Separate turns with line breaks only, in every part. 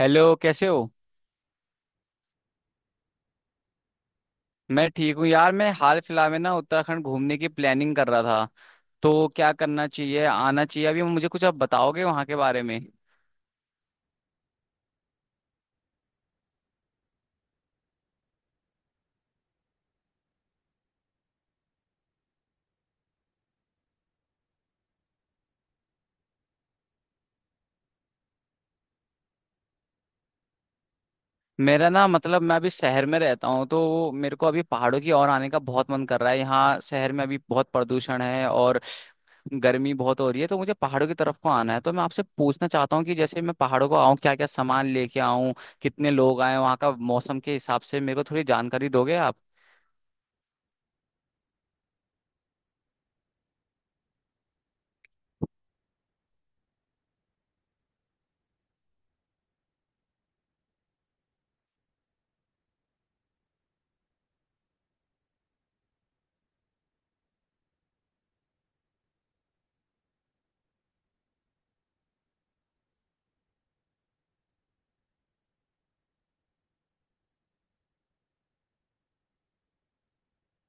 Hello कैसे हो। मैं ठीक हूँ यार। मैं हाल फिलहाल में ना उत्तराखंड घूमने की प्लानिंग कर रहा था तो क्या करना चाहिए, आना चाहिए अभी मुझे? कुछ आप बताओगे वहाँ के बारे में। मेरा ना मतलब मैं अभी शहर में रहता हूँ तो मेरे को अभी पहाड़ों की ओर आने का बहुत मन कर रहा है। यहाँ शहर में अभी बहुत प्रदूषण है और गर्मी बहुत हो रही है तो मुझे पहाड़ों की तरफ को आना है। तो मैं आपसे पूछना चाहता हूँ कि जैसे मैं पहाड़ों को आऊँ, क्या क्या सामान लेके आऊँ, कितने लोग आए, वहाँ का मौसम के हिसाब से मेरे को थोड़ी जानकारी दोगे आप?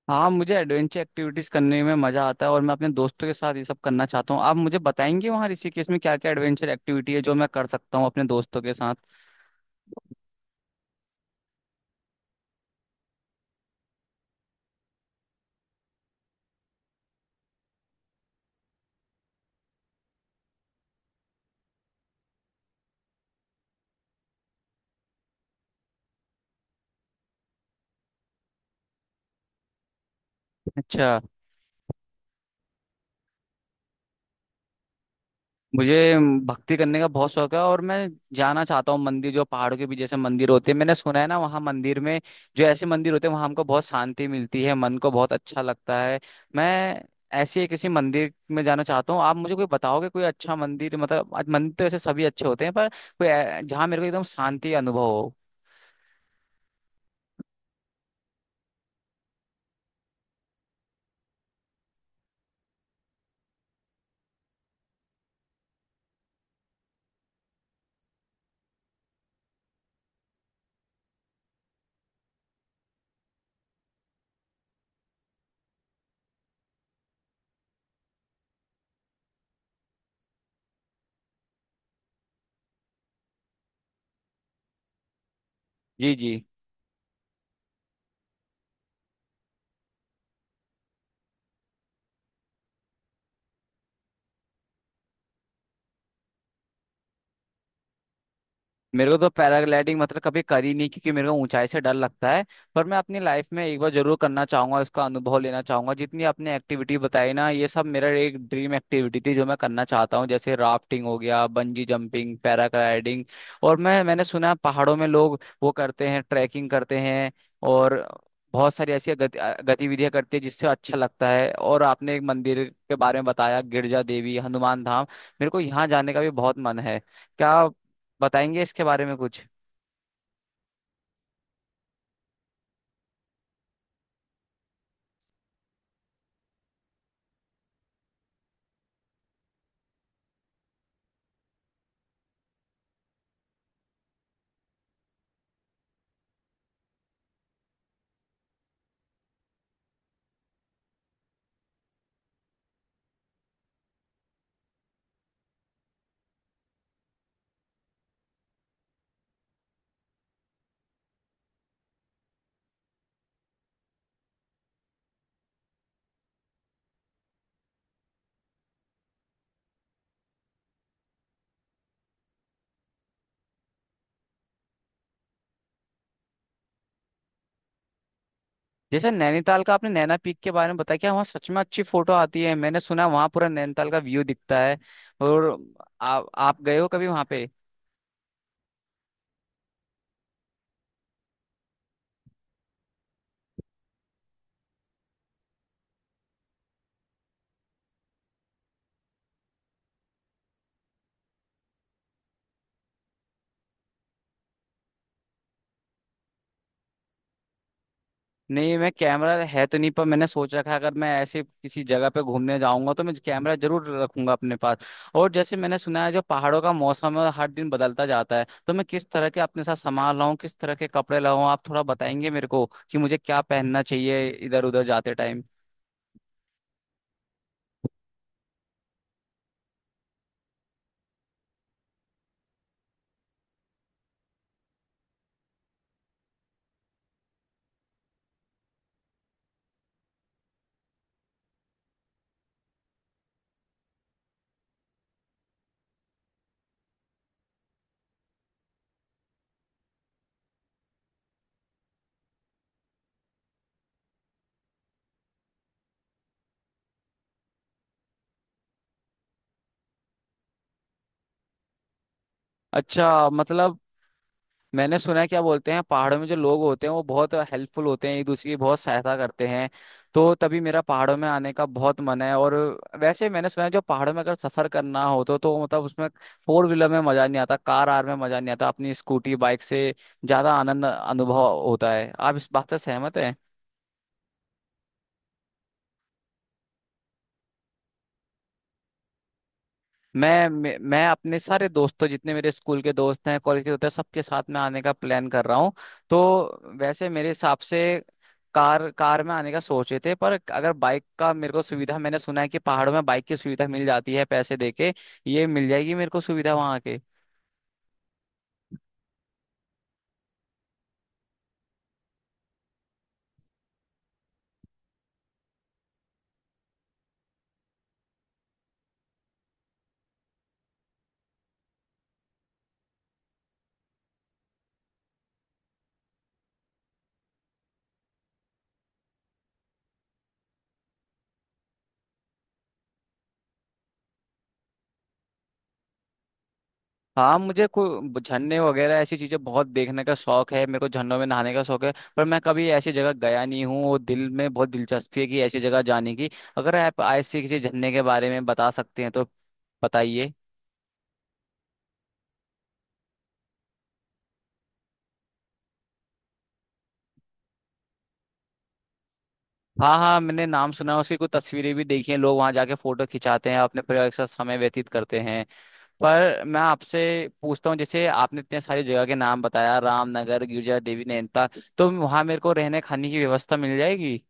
हाँ, मुझे एडवेंचर एक्टिविटीज करने में मजा आता है और मैं अपने दोस्तों के साथ ये सब करना चाहता हूँ। आप मुझे बताएंगे वहाँ ऋषिकेश में क्या क्या एडवेंचर एक्टिविटी है जो मैं कर सकता हूँ अपने दोस्तों के साथ? अच्छा। मुझे भक्ति करने का बहुत शौक है और मैं जाना चाहता हूँ मंदिर, जो पहाड़ों के बीच जैसे मंदिर होते हैं, मैंने सुना है ना वहाँ मंदिर में, जो ऐसे मंदिर होते हैं वहाँ हमको बहुत शांति मिलती है, मन को बहुत अच्छा लगता है। मैं ऐसे ही किसी मंदिर में जाना चाहता हूँ। आप मुझे कोई बताओगे कोई अच्छा मंदिर? मतलब आज मंदिर तो ऐसे सभी अच्छे होते हैं पर कोई जहाँ मेरे को एकदम शांति अनुभव हो। जी जी। मेरे को तो पैराग्लाइडिंग मतलब कभी करी नहीं क्योंकि मेरे को ऊंचाई से डर लगता है। पर मैं अपनी लाइफ में एक बार जरूर करना चाहूंगा, इसका अनुभव लेना चाहूंगा। जितनी आपने एक्टिविटी बताई ना, ये सब मेरा एक ड्रीम एक्टिविटी थी जो मैं करना चाहता हूँ, जैसे राफ्टिंग हो गया, बंजी जंपिंग, पैराग्लाइडिंग। और मैंने सुना है पहाड़ों में लोग वो करते हैं, ट्रैकिंग करते हैं और बहुत सारी ऐसी गतिविधियां करती है जिससे अच्छा लगता है। और आपने एक मंदिर के बारे में बताया, गिरजा देवी, हनुमान धाम, मेरे को यहाँ जाने का भी बहुत मन है। क्या बताएंगे इसके बारे में कुछ? जैसे नैनीताल का आपने नैना पीक के बारे में बताया, क्या वहाँ सच में अच्छी फोटो आती है? मैंने सुना है वहाँ पूरा नैनीताल का व्यू दिखता है। और आप गए हो कभी वहाँ पे? नहीं, मैं कैमरा है तो नहीं पर मैंने सोच रखा है अगर मैं ऐसे किसी जगह पे घूमने जाऊंगा तो मैं कैमरा जरूर रखूंगा अपने पास। और जैसे मैंने सुना है जो पहाड़ों का मौसम है हर दिन बदलता जाता है, तो मैं किस तरह के अपने साथ सामान लाऊं, किस तरह के कपड़े लाऊं? आप थोड़ा बताएंगे मेरे को कि मुझे क्या पहनना चाहिए इधर उधर जाते टाइम? अच्छा, मतलब मैंने सुना है, क्या बोलते हैं, पहाड़ों में जो लोग होते हैं वो बहुत हेल्पफुल होते हैं, एक दूसरे की बहुत सहायता करते हैं, तो तभी मेरा पहाड़ों में आने का बहुत मन है। और वैसे मैंने सुना है जो पहाड़ों में अगर सफर करना हो तो मतलब उसमें फोर व्हीलर में मजा नहीं आता, कार आर में मजा नहीं आता, अपनी स्कूटी बाइक से ज्यादा आनंद अनुभव होता है। आप इस बात से सहमत हैं? मैं अपने सारे दोस्तों, जितने मेरे स्कूल के दोस्त हैं, कॉलेज के दोस्त हैं, सबके साथ मैं आने का प्लान कर रहा हूँ। तो वैसे मेरे हिसाब से कार कार में आने का सोचे थे पर अगर बाइक का मेरे को सुविधा, मैंने सुना है कि पहाड़ों में बाइक की सुविधा मिल जाती है पैसे देके, ये मिल जाएगी मेरे को सुविधा वहां के? हाँ, मुझे कोई झरने वगैरह ऐसी चीजें बहुत देखने का शौक है, मेरे को झरनों में नहाने का शौक है पर मैं कभी ऐसी जगह गया नहीं हूँ और दिल में बहुत दिलचस्पी है कि ऐसी जगह जाने की। अगर आप ऐसे किसी झरने के बारे में बता सकते हैं तो बताइए। हाँ हाँ, मैंने नाम सुना है, उसकी कुछ तस्वीरें भी देखी हैं, लोग वहां जाके फोटो खिंचाते हैं, अपने परिवार के साथ समय व्यतीत करते हैं। पर मैं आपसे पूछता हूँ, जैसे आपने इतने सारी जगह के नाम बताया, रामनगर, गिरजा देवी, नैनीताल, तो वहां मेरे को रहने खाने की व्यवस्था मिल जाएगी?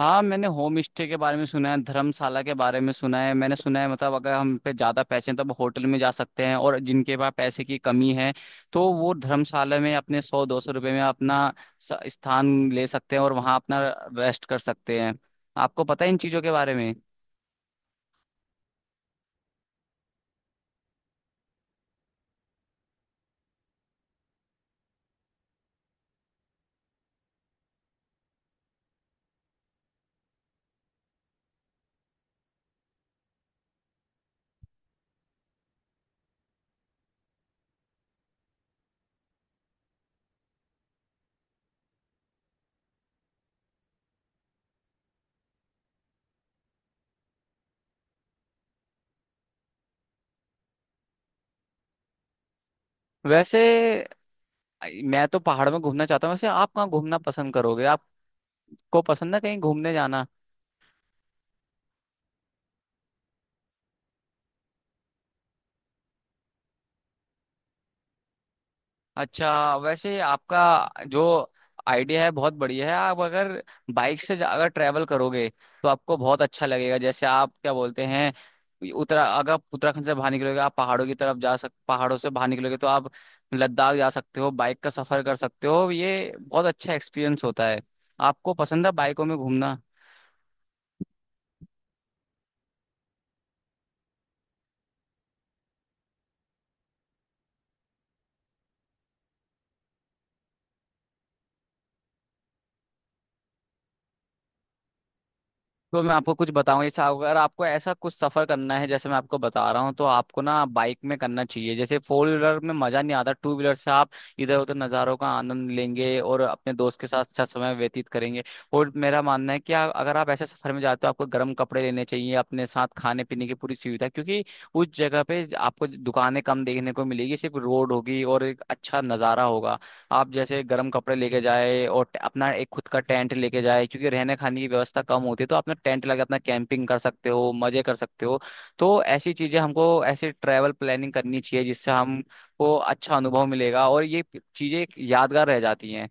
हाँ, मैंने होम स्टे के बारे में सुना है, धर्मशाला के बारे में सुना है। मैंने सुना है मतलब अगर हम पे ज्यादा पैसे हैं तो हम होटल में जा सकते हैं और जिनके पास पैसे की कमी है तो वो धर्मशाला में अपने 100-200 रुपये में अपना स्थान ले सकते हैं और वहाँ अपना रेस्ट कर सकते हैं। आपको पता है इन चीजों के बारे में? वैसे मैं तो पहाड़ में घूमना चाहता हूँ। वैसे आप कहाँ घूमना पसंद करोगे? आपको पसंद है कहीं घूमने जाना? अच्छा। वैसे आपका जो आइडिया है बहुत बढ़िया है। आप अगर बाइक से अगर ट्रैवल करोगे तो आपको बहुत अच्छा लगेगा। जैसे आप क्या बोलते हैं, उत्तरा अगर आप उत्तराखंड से बाहर निकलोगे, आप पहाड़ों की तरफ जा सक पहाड़ों से बाहर निकलोगे तो आप लद्दाख जा सकते हो, बाइक का सफर कर सकते हो, ये बहुत अच्छा एक्सपीरियंस होता है। आपको पसंद है बाइकों में घूमना? तो मैं आपको कुछ बताऊं, जैसे अगर आपको ऐसा कुछ सफर करना है जैसे मैं आपको बता रहा हूँ तो आपको ना बाइक में करना चाहिए, जैसे फोर व्हीलर में मजा नहीं आता, टू व्हीलर से आप इधर उधर नज़ारों का आनंद लेंगे और अपने दोस्त के साथ अच्छा समय व्यतीत करेंगे। और मेरा मानना है कि अगर आप ऐसे सफर में जाते हो, आपको गर्म कपड़े लेने चाहिए अपने साथ, खाने पीने की पूरी सुविधा, क्योंकि उस जगह पे आपको दुकानें कम देखने को मिलेगी, सिर्फ रोड होगी और एक अच्छा नज़ारा होगा। आप जैसे गर्म कपड़े लेके जाए और अपना एक खुद का टेंट लेके जाए क्योंकि रहने खाने की व्यवस्था कम होती है, तो अपना टेंट लगा अपना कैंपिंग कर सकते हो, मजे कर सकते हो। तो ऐसी चीजें हमको, ऐसे ट्रैवल प्लानिंग करनी चाहिए जिससे हमको अच्छा अनुभव मिलेगा और ये चीजें एक यादगार रह जाती हैं।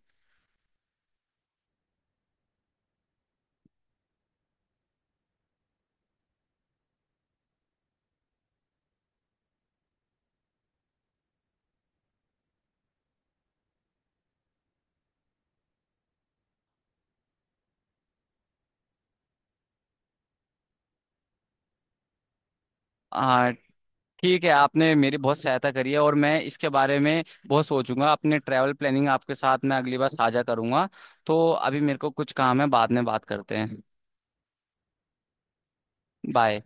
हाँ ठीक है, आपने मेरी बहुत सहायता करी है और मैं इसके बारे में बहुत सोचूंगा। अपने ट्रैवल प्लानिंग आपके साथ मैं अगली बार साझा करूंगा। तो अभी मेरे को कुछ काम है, बाद में बात करते हैं। बाय।